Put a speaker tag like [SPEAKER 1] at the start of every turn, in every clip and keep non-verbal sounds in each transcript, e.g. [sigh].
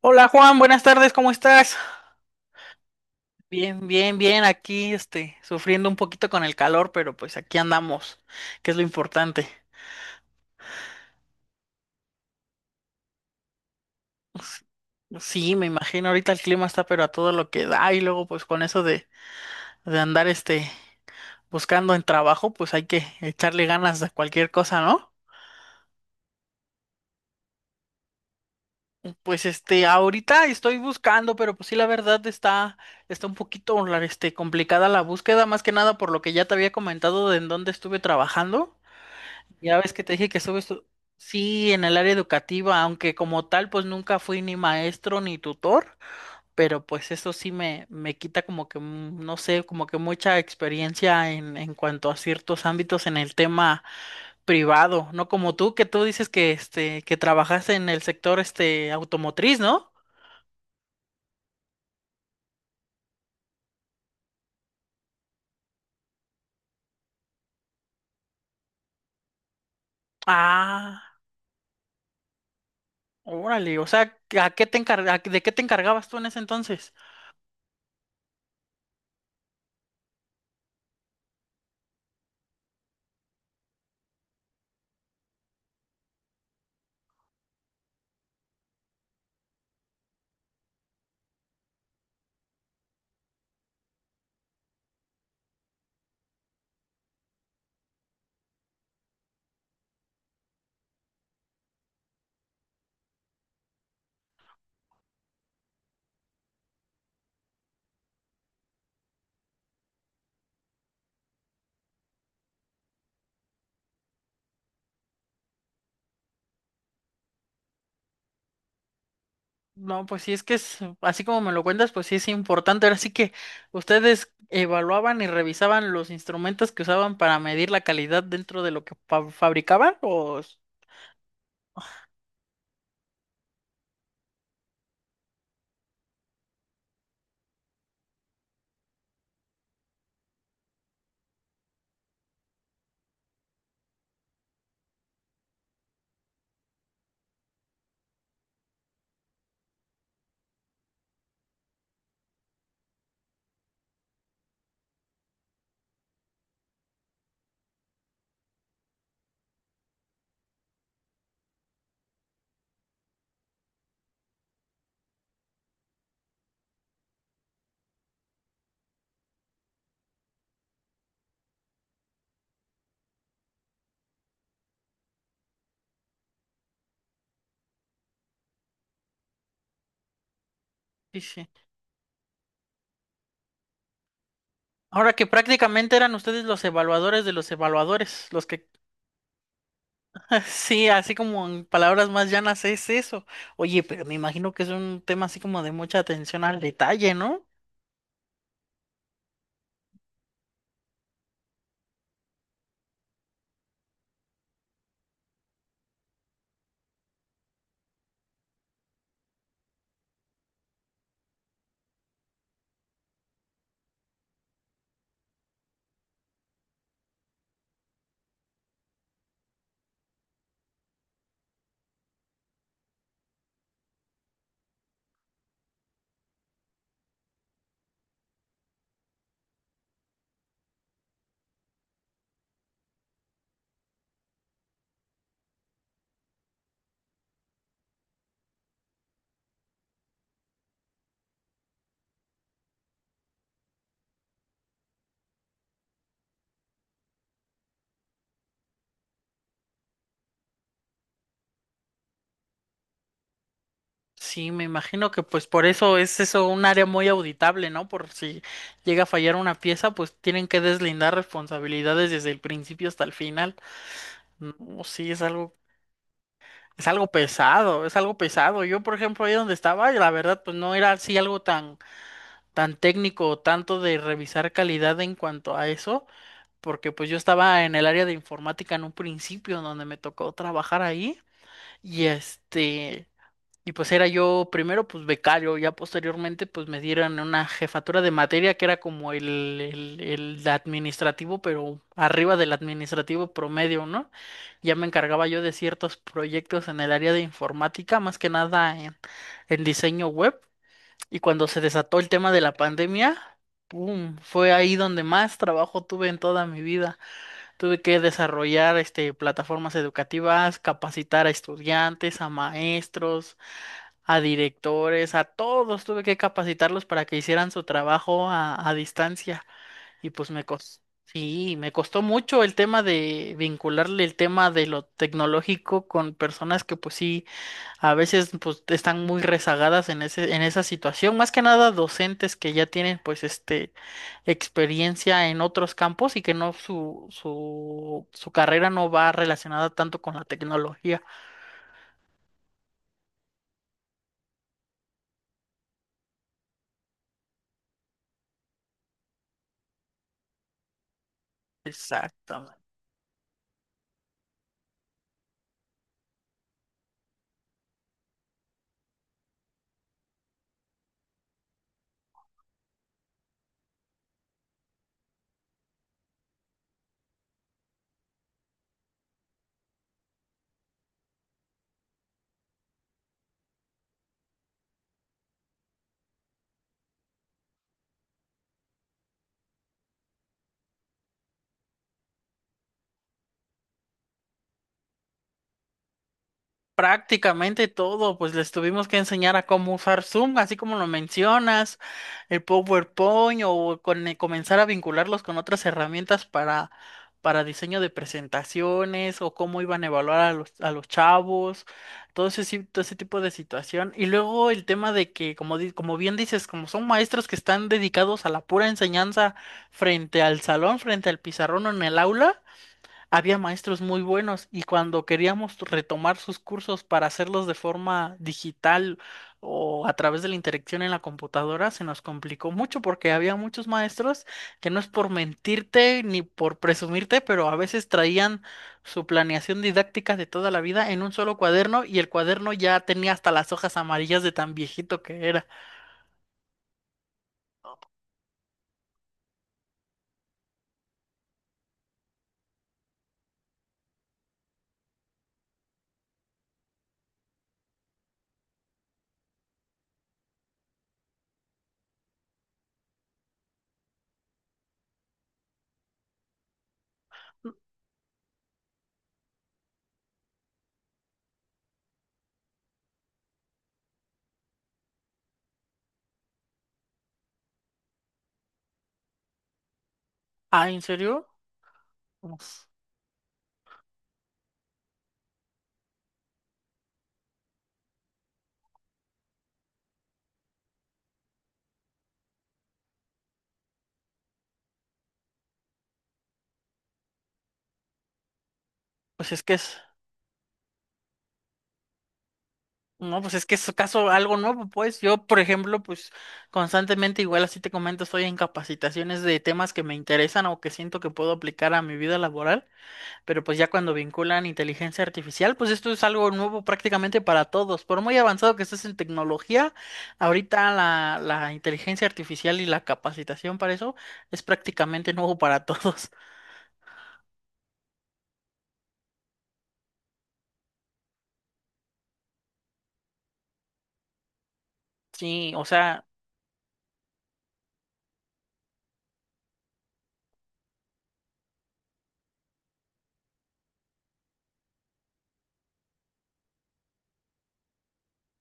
[SPEAKER 1] Hola Juan, buenas tardes, ¿cómo estás? Bien, bien, bien, aquí sufriendo un poquito con el calor, pero pues aquí andamos, que es lo importante. S- Sí, me imagino, ahorita el clima está pero a todo lo que da y luego pues con eso de andar buscando en trabajo, pues hay que echarle ganas a cualquier cosa, ¿no? Pues ahorita estoy buscando, pero pues sí, la verdad está un poquito complicada la búsqueda, más que nada por lo que ya te había comentado de en dónde estuve trabajando. Ya ves que te dije que sí, en el área educativa, aunque como tal, pues nunca fui ni maestro ni tutor, pero pues eso sí me quita como que, no sé, como que mucha experiencia en cuanto a ciertos ámbitos en el tema privado, no como tú, que tú dices que que trabajaste en el sector este automotriz, ¿no? Ah, órale, o sea, ¿a qué de qué te encargabas tú en ese entonces? No, pues sí, es que así como me lo cuentas, pues sí es importante. Ahora sí que ustedes evaluaban y revisaban los instrumentos que usaban para medir la calidad dentro de lo que fabricaban, o s- sí, sí. Ahora que prácticamente eran ustedes los evaluadores de los evaluadores, los que… [laughs] Sí, así como en palabras más llanas es eso. Oye, pero me imagino que es un tema así como de mucha atención al detalle, ¿no? Sí, me imagino que pues por eso es eso un área muy auditable, ¿no? Por si llega a fallar una pieza, pues tienen que deslindar responsabilidades desde el principio hasta el final. No, sí, es algo pesado, es algo pesado. Yo, por ejemplo, ahí donde estaba, la verdad, pues no era así algo tan técnico o tanto de revisar calidad en cuanto a eso, porque pues yo estaba en el área de informática en un principio, donde me tocó trabajar ahí, y este. Y pues era yo primero pues becario, ya posteriormente pues me dieron una jefatura de materia que era como el administrativo, pero arriba del administrativo promedio, ¿no? Ya me encargaba yo de ciertos proyectos en el área de informática, más que nada en diseño web. Y cuando se desató el tema de la pandemia, ¡pum! Fue ahí donde más trabajo tuve en toda mi vida. Tuve que desarrollar plataformas educativas, capacitar a estudiantes, a maestros a directores, a todos, tuve que capacitarlos para que hicieran su trabajo a distancia y pues me costó, sí, me costó mucho el tema de vincularle el tema de lo tecnológico con personas que pues sí, a veces pues están muy rezagadas en en esa situación, más que nada docentes que ya tienen pues experiencia en otros campos y que no su, su, su carrera no va relacionada tanto con la tecnología. Exactamente. Prácticamente todo, pues les tuvimos que enseñar a cómo usar Zoom, así como lo mencionas, el PowerPoint o comenzar a vincularlos con otras herramientas para diseño de presentaciones o cómo iban a evaluar a a los chavos, todo ese, si- todo ese tipo de situación. Y luego el tema de que, como bien dices, como son maestros que están dedicados a la pura enseñanza frente al salón, frente al pizarrón o en el aula. Había maestros muy buenos y cuando queríamos retomar sus cursos para hacerlos de forma digital o a través de la interacción en la computadora, se nos complicó mucho porque había muchos maestros que no es por mentirte ni por presumirte, pero a veces traían su planeación didáctica de toda la vida en un solo cuaderno y el cuaderno ya tenía hasta las hojas amarillas de tan viejito que era. Ah, ¿en serio? Uf. Pues es que es… No, pues es que es caso algo nuevo, pues yo, por ejemplo, pues constantemente, igual así te comento, estoy en capacitaciones de temas que me interesan o que siento que puedo aplicar a mi vida laboral, pero pues ya cuando vinculan inteligencia artificial, pues esto es algo nuevo prácticamente para todos. Por muy avanzado que estés en tecnología, ahorita la inteligencia artificial y la capacitación para eso es prácticamente nuevo para todos. [laughs] Sí, o sea,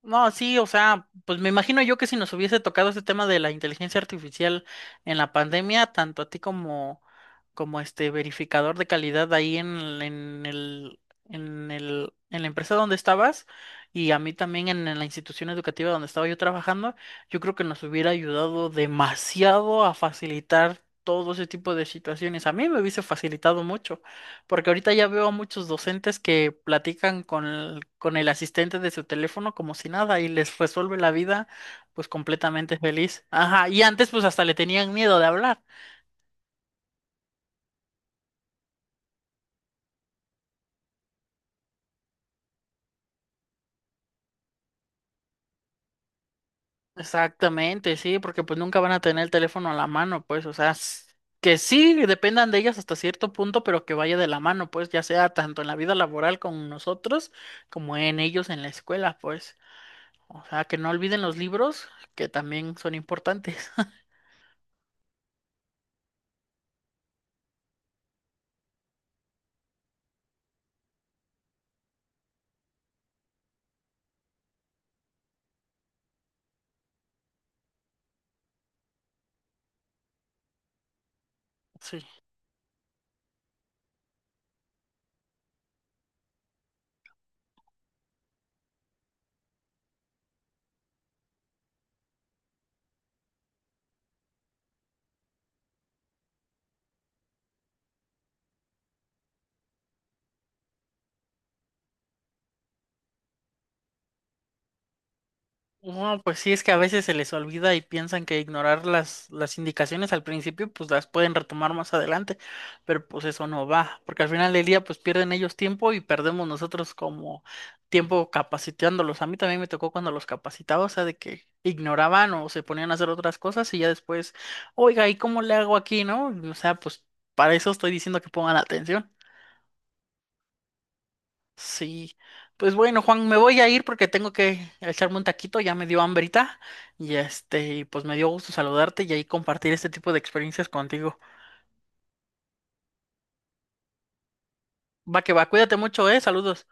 [SPEAKER 1] no, sí, o sea, pues me imagino yo que si nos hubiese tocado este tema de la inteligencia artificial en la pandemia, tanto a ti como este verificador de calidad ahí en la empresa donde estabas y a mí también en la institución educativa donde estaba yo trabajando, yo creo que nos hubiera ayudado demasiado a facilitar todo ese tipo de situaciones. A mí me hubiese facilitado mucho. Porque ahorita ya veo a muchos docentes que platican con con el asistente de su teléfono como si nada y les resuelve la vida pues completamente feliz. Ajá, y antes pues hasta le tenían miedo de hablar. Exactamente, sí, porque pues nunca van a tener el teléfono a la mano, pues, o sea, s- que sí dependan de ellas hasta cierto punto, pero que vaya de la mano, pues, ya sea tanto en la vida laboral con nosotros como en ellos en la escuela, pues. O sea, que no olviden los libros, que también son importantes. Sí. No, pues sí, es que a veces se les olvida y piensan que ignorar las indicaciones al principio, pues las pueden retomar más adelante, pero pues eso no va, porque al final del día, pues pierden ellos tiempo y perdemos nosotros como tiempo capacitándolos. A mí también me tocó cuando los capacitaba, o sea, de que ignoraban o se ponían a hacer otras cosas y ya después, oiga, ¿y cómo le hago aquí, no? O sea, pues para eso estoy diciendo que pongan atención. Sí, pues bueno, Juan, me voy a ir porque tengo que echarme un taquito, ya me dio hambrita y pues me dio gusto saludarte y ahí compartir este tipo de experiencias contigo. Va que va, cuídate mucho, saludos.